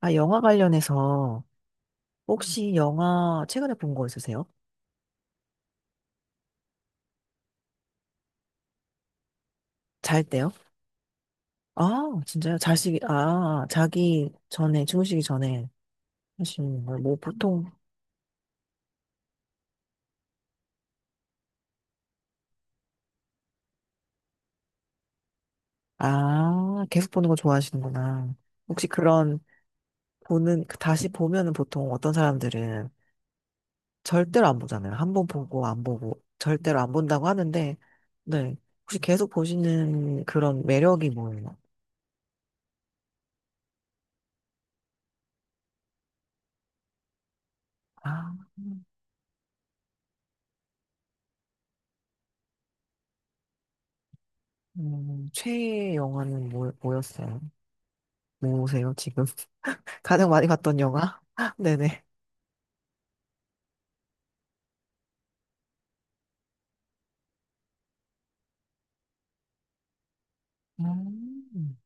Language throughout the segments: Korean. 아, 영화 관련해서 혹시 영화 최근에 본 거 있으세요? 잘 때요? 아, 진짜요? 자식이, 아, 자기 전에, 주무시기 전에 하시는 거. 뭐, 보통, 아, 계속 보는 거 좋아하시는구나. 혹시 그런, 보는, 그 다시 보면은 보통 어떤 사람들은 절대로 안 보잖아요. 한번 보고 안 보고, 절대로 안 본다고 하는데, 네. 혹시 계속 보시는 그런 매력이 뭐예요? 아, 최애 영화는 뭐, 뭐였어요? 뭐세요, 지금? 가장 많이 봤던 영화? 네네. 음.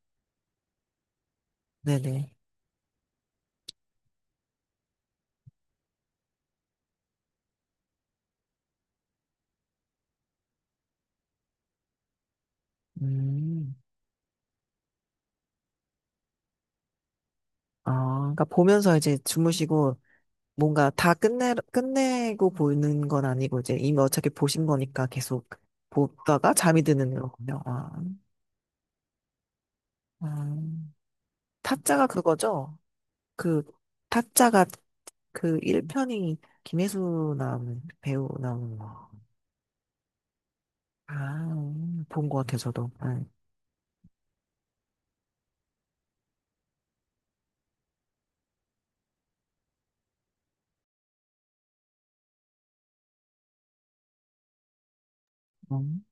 네네. 음. 아, 그러니까 보면서 이제 주무시고 뭔가 다 끝내고 보는 건 아니고 이제 이미 어차피 보신 거니까 계속 보다가 잠이 드는 거군요. 아. 아, 타짜가 그거죠? 그 타짜가 그 1편이 김혜수 나오는 배우 나오는 거. 아, 본 것 같아요, 저도. 네. 음.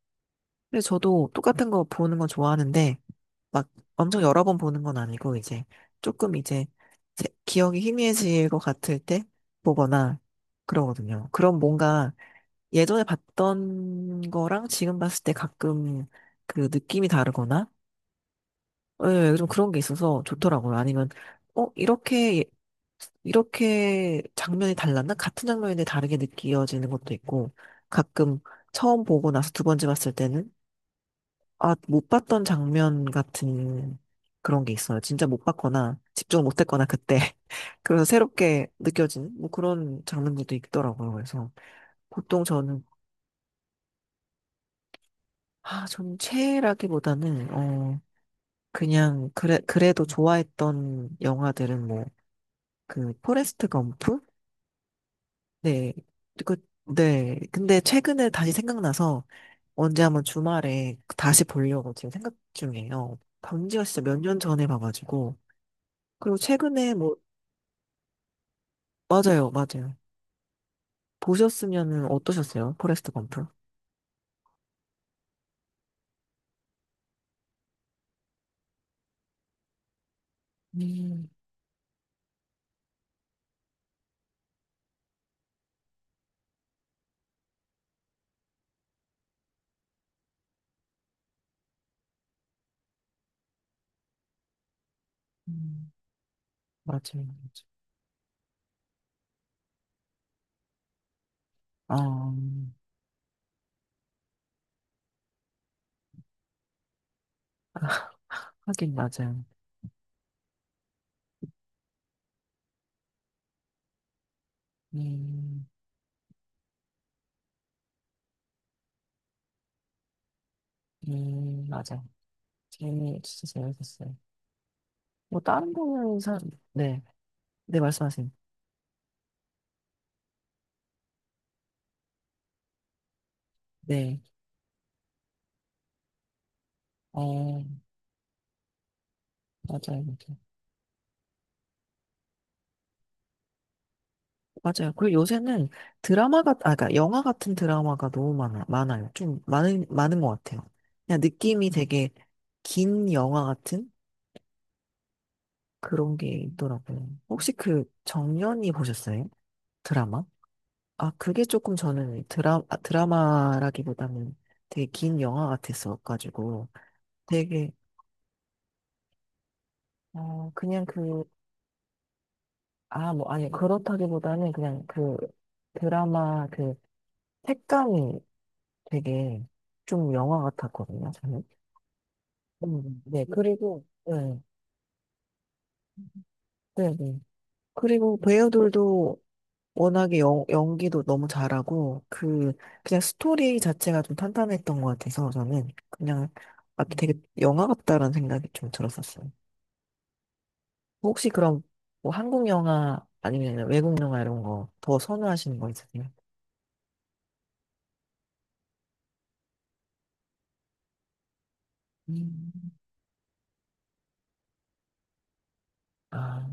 근데 저도 똑같은 거 보는 거 좋아하는데 막 엄청 여러 번 보는 건 아니고 이제 조금 이제 기억이 희미해질 것 같을 때 보거나 그러거든요. 그럼 뭔가 예전에 봤던 거랑 지금 봤을 때 가끔 그 느낌이 다르거나 예, 좀 그런 게 있어서 좋더라고요. 아니면 어 이렇게 예, 이렇게 장면이 달랐나? 같은 장면인데 다르게 느껴지는 것도 있고 가끔 처음 보고 나서 두 번째 봤을 때는 아, 못 봤던 장면 같은 그런 게 있어요. 진짜 못 봤거나 집중을 못 했거나 그때. 그래서 새롭게 느껴지는 뭐 그런 장면들도 있더라고요. 그래서 보통 저는, 아, 저는 최애라기보다는, 어, 그냥, 그래, 그래도 좋아했던 영화들은 뭐, 그, 포레스트 검프? 네. 그, 네. 근데 최근에 다시 생각나서 언제 한번 주말에 다시 보려고 지금 생각 중이에요. 본지가 진짜 몇 년 전에 봐가지고. 그리고 최근에 뭐 맞아요, 맞아요. 보셨으면은 어떠셨어요? 포레스트 검프? 음, 음, 맞아요, 맞아요. 아, 하긴 맞아요. 음, 맞아. 재미, 진짜 재밌었어요. 뭐, 다른 거는 사, 네. 네, 말씀하세요. 네, 어, 맞아요, 맞아요. 맞아요. 그리고 요새는 드라마가, 아, 그러니까 영화 같은 드라마가 너무 많아요. 좀 많은 것 같아요. 그냥 느낌이 되게 긴 영화 같은? 그런 게 있더라고요. 혹시 그 정년이 보셨어요? 드라마? 아, 그게 조금 저는 드라, 아, 드라마라기보다는 되게 긴 영화 같았어가지고 되게, 어, 그냥 그, 아, 뭐, 아니, 그렇다기보다는 그냥 그 드라마 그 색감이 되게 좀 영화 같았거든요, 저는. 네, 그리고, 네, 네, 네. 그리고 배우들도 워낙에 연기도 너무 잘하고, 그, 그냥 스토리 자체가 좀 탄탄했던 것 같아서 저는 그냥, 아, 되게 영화 같다라는 생각이 좀 들었었어요. 혹시 그럼 뭐 한국 영화 아니면 외국 영화 이런 거 더 선호하시는 거 있으세요? 음. 아,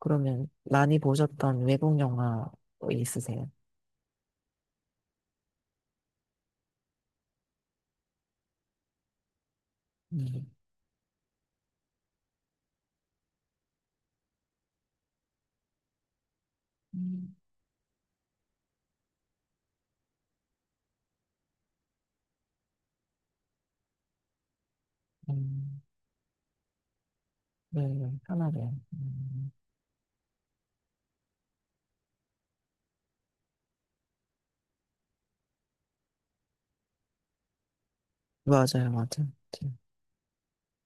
그러면 많이 보셨던 외국 영화 뭐 있으세요? 음. 음. 음, 네, 네, 편하게. 음. 맞아요, 맞아요.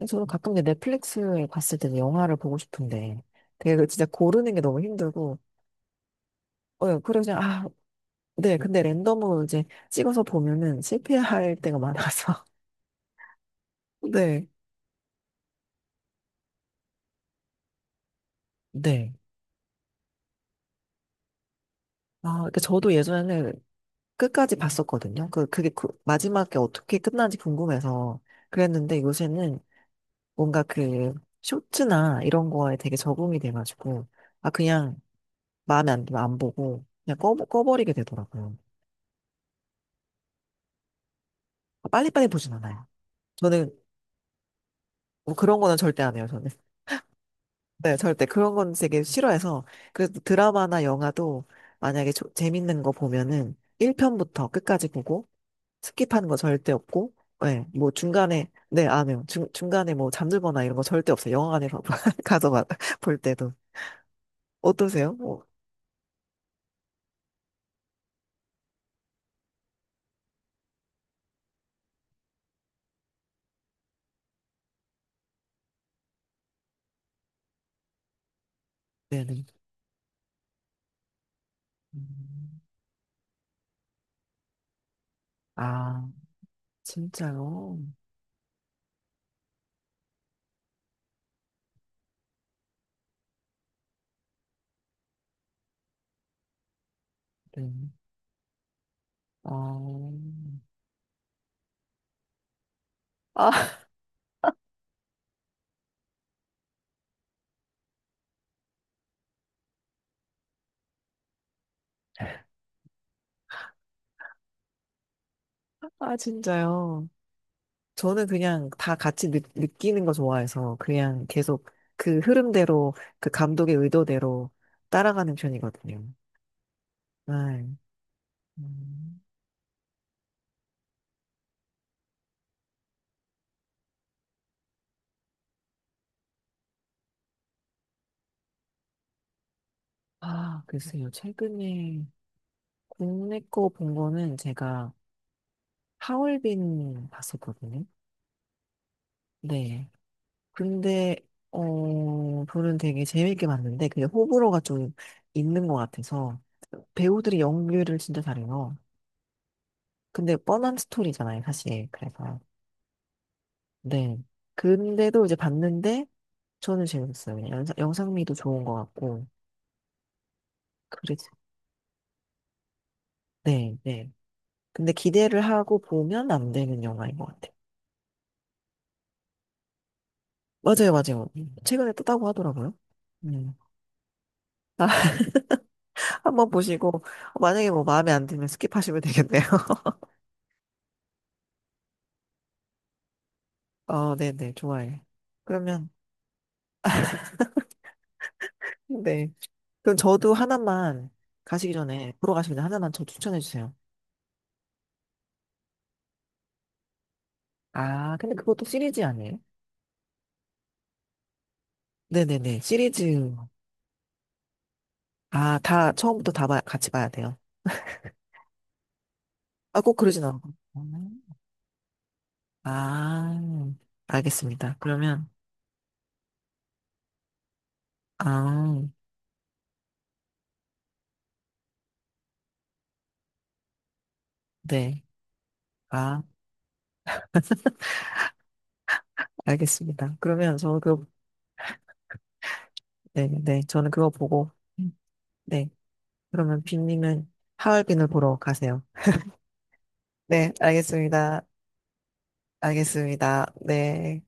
저도 가끔 이제 넷플릭스에 봤을 때 영화를 보고 싶은데 되게 그 진짜 고르는 게 너무 힘들고 어 그래 그냥 아 네 근데 랜덤으로 이제 찍어서 보면은 실패할 때가 많아서 네 네. 아, 그러니까 저도 예전에는 끝까지 봤었거든요. 그, 그게 마지막에 어떻게 끝나는지 궁금해서 그랬는데 요새는 뭔가 그 쇼츠나 이런 거에 되게 적응이 돼가지고 아, 그냥 마음에 안 들면 안 보고 그냥 꺼버리게 되더라고요. 아, 빨리빨리 보진 않아요. 저는 뭐 그런 거는 절대 안 해요, 저는. 네, 절대. 그런 건 되게 싫어해서. 그래서 드라마나 영화도 만약에 재밌는 거 보면은 1편부터 끝까지 보고 스킵하는 거 절대 없고, 네, 뭐 중간에, 네, 안 해요. 중간에 뭐 잠들거나 이런 거 절대 없어요. 영화관에서 가서 볼 때도. 어떠세요? 뭐, 네네. 음. 아, 진짜요? 네. 아, 아, 아, 진짜요? 저는 그냥 다 같이 느끼는 거 좋아해서 그냥 계속 그 흐름대로 그 감독의 의도대로 따라가는 편이거든요. 네. 음. 아, 글쎄요. 최근에 국내 거 본 거는 제가 하얼빈 봤었거든요. 네. 근데, 어, 저는 되게 재밌게 봤는데 그게 호불호가 좀 있는 것 같아서 배우들이 연기를 진짜 잘해요. 근데 뻔한 스토리잖아요, 사실. 그래서. 네. 근데도 이제 봤는데 저는 재밌었어요. 그냥 영상미도 좋은 것 같고. 그래서 네, 네. 근데 기대를 하고 보면 안 되는 영화인 것 같아요. 맞아요, 맞아요. 최근에 떴다고 하더라고요. 음. 아, 한번 보시고 만약에 뭐 마음에 안 들면 스킵하시면 되겠네요. 어, 네, 네, 좋아요. 그러면 네. 그럼 저도 하나만 가시기 전에 보러 가시기 전에 하나만 저 추천해 주세요. 아, 근데 그것도 시리즈 아니에요? 네네네. 시리즈. 아, 다, 처음부터 같이 봐야 돼요. 아, 꼭 그러진 않고. 아, 알겠습니다. 그러면, 아, 네. 아, 알겠습니다. 그러면 저는 그, 네, 네. 저는 그거 보고, 네. 그러면 빈님은 하얼빈을 보러 가세요. 네, 알겠습니다. 알겠습니다. 네.